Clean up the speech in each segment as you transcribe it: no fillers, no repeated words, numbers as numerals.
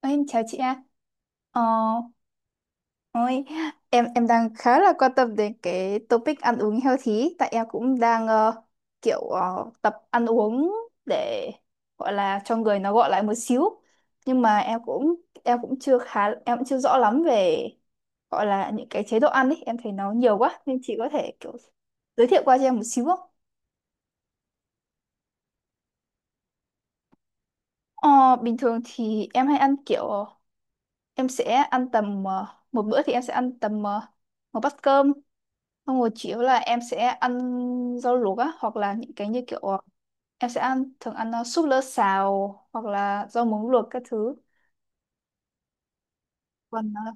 Ôi, em chào chị ạ. Ờ, ôi, em đang khá là quan tâm đến cái topic ăn uống healthy tại em cũng đang tập ăn uống để gọi là cho người nó gọi lại một xíu. Nhưng mà em cũng chưa khá em cũng chưa rõ lắm về gọi là những cái chế độ ăn ấy, em thấy nó nhiều quá nên chị có thể kiểu giới thiệu qua cho em một xíu không? Ờ, Bình thường thì em hay ăn kiểu em sẽ ăn tầm ờ, một bữa thì em sẽ ăn tầm một bát cơm. Xong rồi chủ yếu là em sẽ ăn rau luộc á, hoặc là những cái như kiểu ờ, em sẽ ăn thường ăn súp lơ xào hoặc là rau muống luộc các thứ. Còn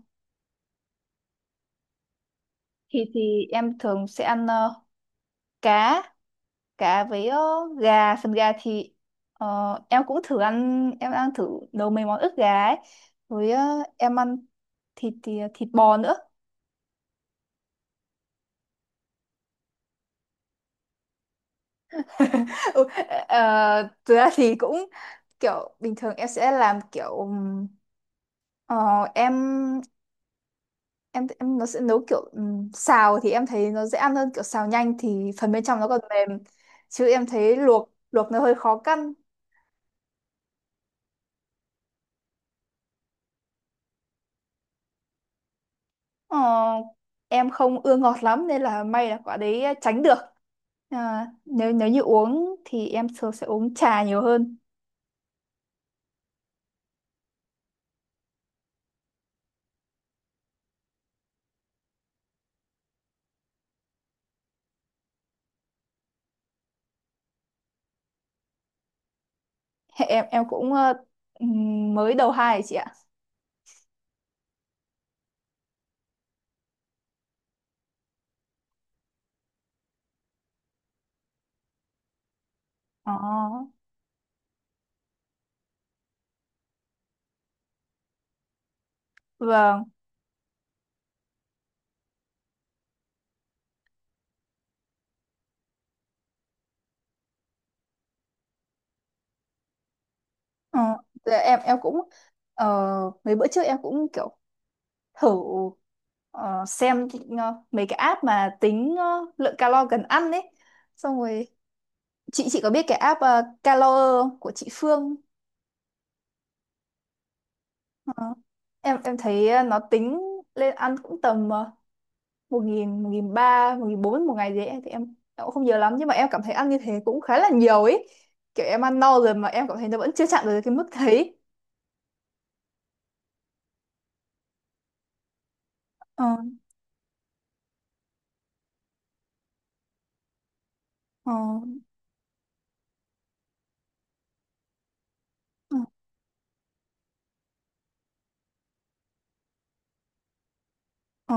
thịt thì em thường sẽ ăn cá, với gà, phần gà thì ờ, em cũng thử ăn em ăn thử nấu mấy món ức gà ấy. Với em ăn thịt thì thịt bò nữa. Ừ, ờ, thực ra thì cũng kiểu bình thường em sẽ làm kiểu Ờ, em em nó sẽ nấu kiểu xào thì em thấy nó dễ ăn hơn, kiểu xào nhanh thì phần bên trong nó còn mềm, chứ em thấy luộc luộc nó hơi khó căn. Ờ, em không ưa ngọt lắm nên là may là quả đấy tránh được. À, nếu nếu như uống thì em thường sẽ uống trà nhiều hơn. Hệ em cũng mới đầu hai ấy chị ạ. Ờ, vâng. Ờ, dạ em cũng ờ, mấy bữa trước em cũng kiểu thử ờ, xem mấy cái app mà tính lượng calo cần ăn ấy. Xong rồi chị có biết cái app Calo không? Của chị Phương. Ờ, em thấy nó tính lên ăn cũng tầm 1.000, 1.300, 1.400 một ngày gì ấy thì em cũng không nhớ lắm, nhưng mà em cảm thấy ăn như thế cũng khá là nhiều ấy, kiểu em ăn no rồi mà em cảm thấy nó vẫn chưa chạm được cái mức thấy. ờ ờ ờ ờ,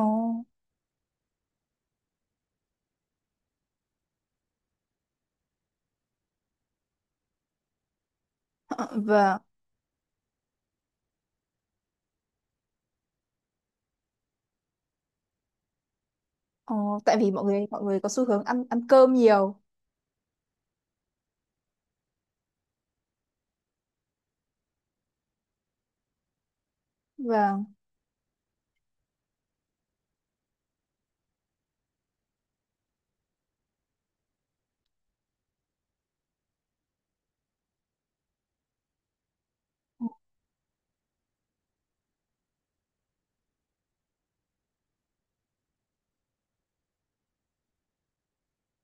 ờ, và ờ, Tại vì mọi người có xu hướng ăn ăn cơm nhiều. Và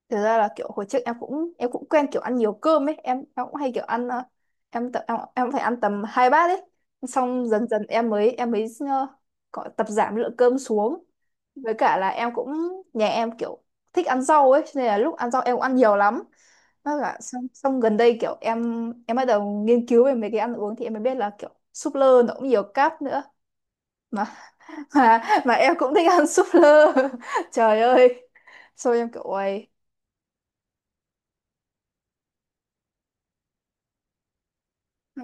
thực ra là kiểu hồi trước em cũng quen kiểu ăn nhiều cơm ấy. Em cũng hay kiểu ăn em cũng phải ăn tầm hai bát ấy, xong dần dần em mới có tập giảm lượng cơm xuống. Với cả là em cũng nhà em kiểu thích ăn rau ấy, cho nên là lúc ăn rau em cũng ăn nhiều lắm. Với cả xong xong gần đây kiểu em bắt đầu nghiên cứu về mấy cái ăn uống thì em mới biết là kiểu súp lơ nó cũng nhiều cáp nữa. Mà Mà em cũng thích ăn súp lơ. Trời ơi, xong em kiểu ôi. Ừ.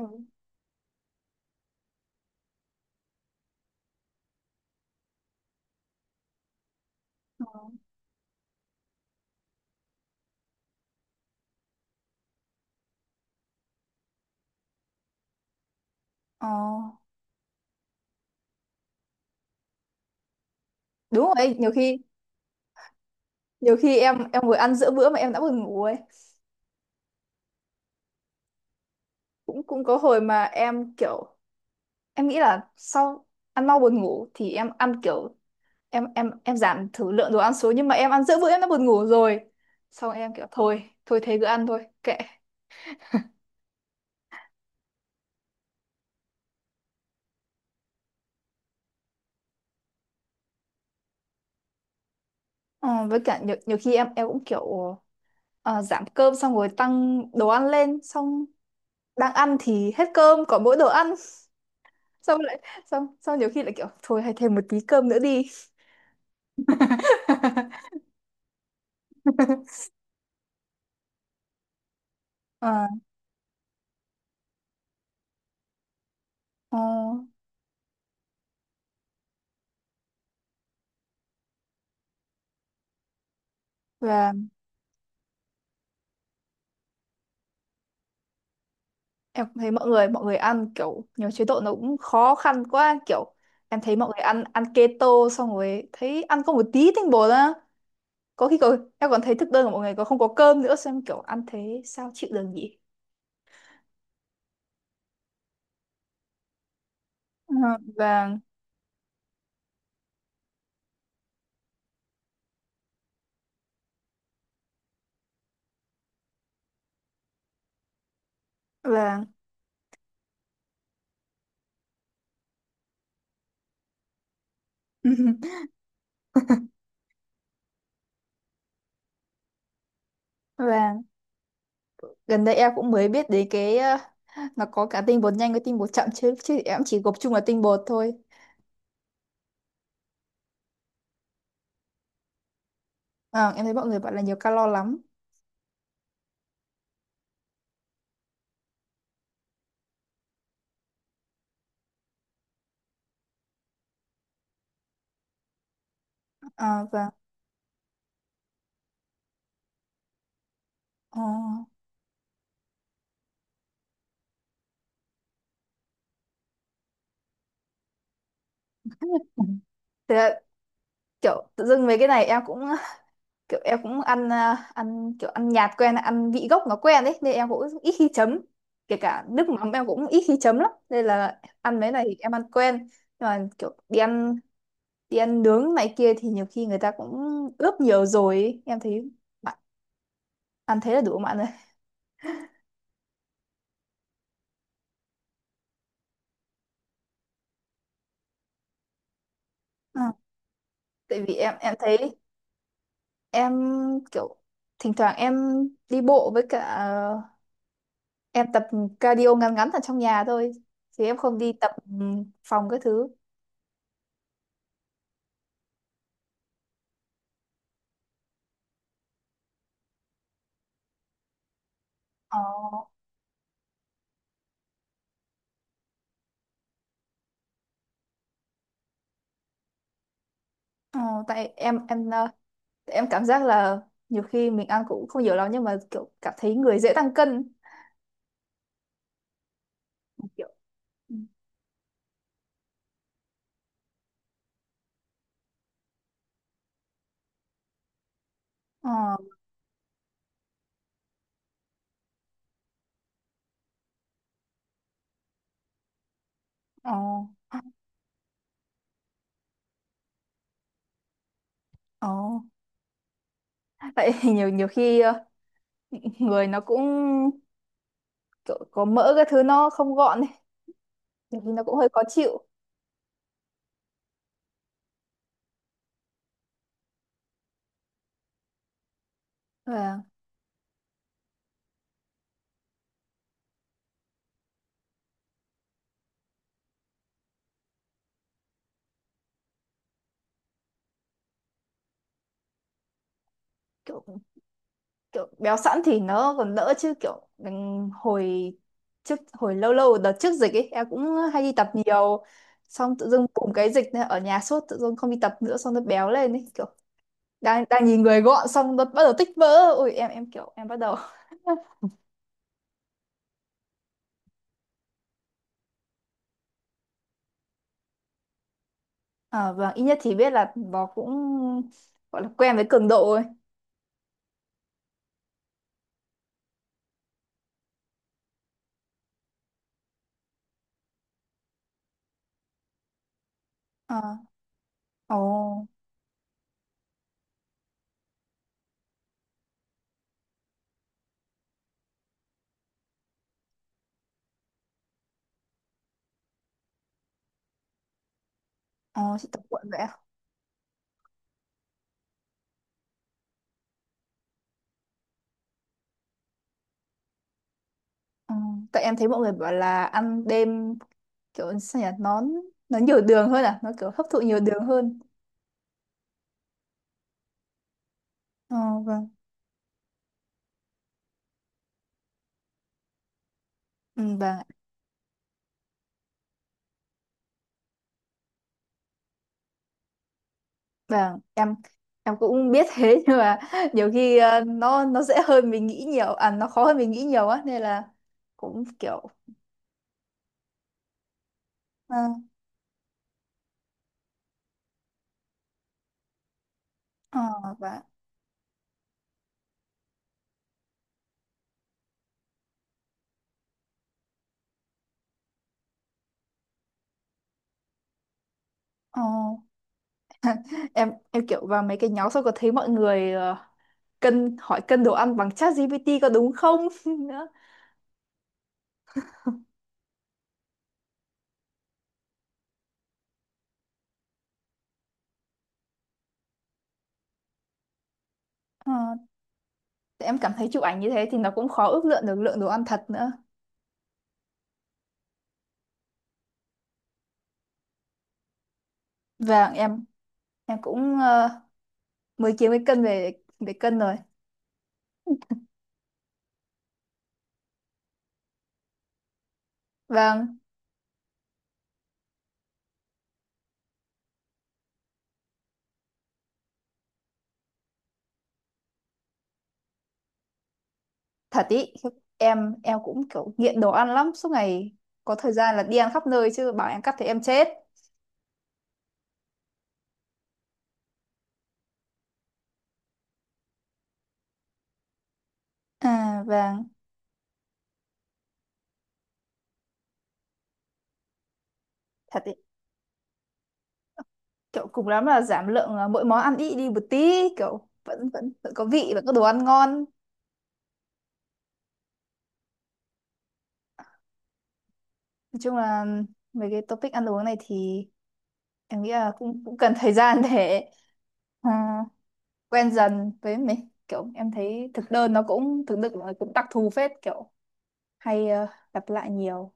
Ừ. Ờ, Đúng rồi, đấy, nhiều khi em vừa ăn giữa bữa mà em đã buồn ngủ ấy. Cũng Cũng có hồi mà em kiểu em nghĩ là sau ăn mau buồn ngủ thì em ăn kiểu em giảm thử lượng đồ ăn xuống, nhưng mà em ăn giữa bữa em đã buồn ngủ rồi. Xong em kiểu thôi, thôi thế cứ ăn thôi, kệ. Ờ, với cả nhiều khi em cũng kiểu giảm cơm xong rồi tăng đồ ăn lên, xong đang ăn thì hết cơm, còn mỗi đồ ăn. Xong lại xong xong nhiều khi lại kiểu thôi, hay thêm một tí cơm nữa đi. Ờ Ờ, và Em cũng thấy mọi người ăn kiểu nhiều chế độ, nó cũng khó khăn quá. Kiểu em thấy mọi người ăn ăn keto, xong rồi thấy ăn có một tí tinh bột á, có khi còn em còn thấy thực đơn của mọi người còn không có cơm nữa, xem kiểu ăn thế sao chịu được nhỉ? Ờ, và và và Gần đây em cũng mới biết đến cái nó có cả tinh bột nhanh với tinh bột chậm, chứ chứ em chỉ gộp chung là tinh bột thôi. Ờ, em thấy mọi người bảo là nhiều calo lắm. Ờ, và ờ. Thế là kiểu tự dưng mấy cái này em cũng kiểu em cũng ăn à, ăn kiểu ăn nhạt quen, ăn vị gốc nó quen đấy, nên em cũng ít khi chấm. Kể cả nước mắm em cũng ít khi chấm lắm, nên là ăn mấy này thì em ăn quen, nhưng mà kiểu đi ăn nướng này kia thì nhiều khi người ta cũng ướp nhiều rồi ấy. Em thấy bạn ăn thế là đủ bạn rồi. Ờ. Tại vì em thấy em kiểu thỉnh thoảng em đi bộ với cả à, em tập cardio ngắn ngắn ở trong nhà thôi, chứ em không đi tập phòng cái thứ. Ờ. Ờ, Tại em cảm giác là nhiều khi mình ăn cũng không nhiều lắm nhưng mà kiểu cảm thấy người dễ tăng cân kiểu. Ừ. ờ ờ ờ Tại nhiều nhiều khi người nó cũng kiểu có mỡ, cái thứ nó không gọn ấy, nhiều khi nó cũng hơi khó chịu. Và kiểu kiểu béo sẵn thì nó còn đỡ, chứ kiểu mình hồi lâu lâu đợt trước dịch ấy em cũng hay đi tập nhiều, xong tự dưng cùng cái dịch này ở nhà sốt, tự dưng không đi tập nữa, xong nó béo lên ấy, kiểu đang đang nhìn người gọn xong nó bắt đầu tích vỡ, ui, em kiểu em bắt đầu. À, vâng, ít nhất thì biết là nó cũng gọi là quen với cường độ rồi. À, ồ ồ, chị tập cuộn vậy à? Ờ, Tại em thấy mọi người bảo là ăn đêm kiểu sao nhỉ, nó nhiều đường hơn à, nó kiểu hấp thụ nhiều đường hơn. ờ vâng. Ừ, vâng vâng em cũng biết thế. Nhưng mà nhiều khi nó dễ hơn mình nghĩ nhiều, à nó khó hơn mình nghĩ nhiều á, nên là cũng kiểu. Ờ ờ và ờ Em kiểu vào mấy cái nhóm xong có thấy mọi người hỏi cân đồ ăn bằng chat GPT có đúng không nữa. Ờ, em cảm thấy chụp ảnh như thế thì nó cũng khó ước lượng được lượng đồ ăn thật nữa. Và em cũng mới kiếm cái cân về để cân rồi. và Thật ý em cũng kiểu nghiện đồ ăn lắm, suốt ngày có thời gian là đi ăn khắp nơi, chứ bảo em cắt thì em chết. À, và thật ý kiểu cùng lắm là giảm lượng mỗi món ăn ít đi một tí, kiểu vẫn vẫn vẫn có vị, vẫn có đồ ăn ngon. Nói chung là mấy cái topic ăn uống này thì em nghĩ là cũng cũng cần thời gian để à, quen dần với mấy kiểu. Em thấy thực đơn nó cũng đặc thù phết, kiểu hay lặp lại nhiều.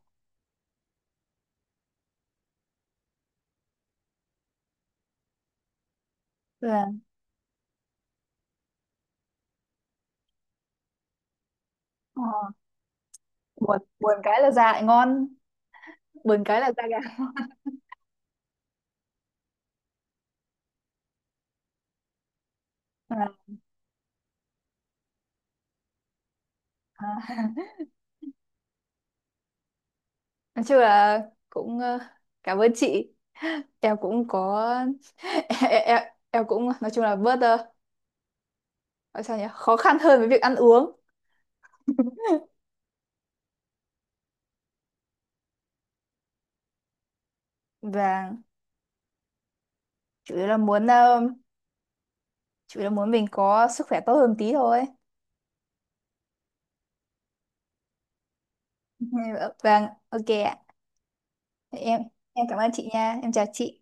Tức là ờ, buồn buồn cái là ra lại ngon, buồn cái là ra gà. à, À, nói chung là cũng cảm ơn chị, em cũng có. em, em, em cũng nói chung là bớt gọi sao nhỉ, khó khăn hơn với việc ăn uống. Và chủ yếu là muốn ờ, Chủ là muốn mình có sức khỏe tốt hơn tí thôi. Vâng, ok ạ. Em em cảm ơn chị nha, em chào chị.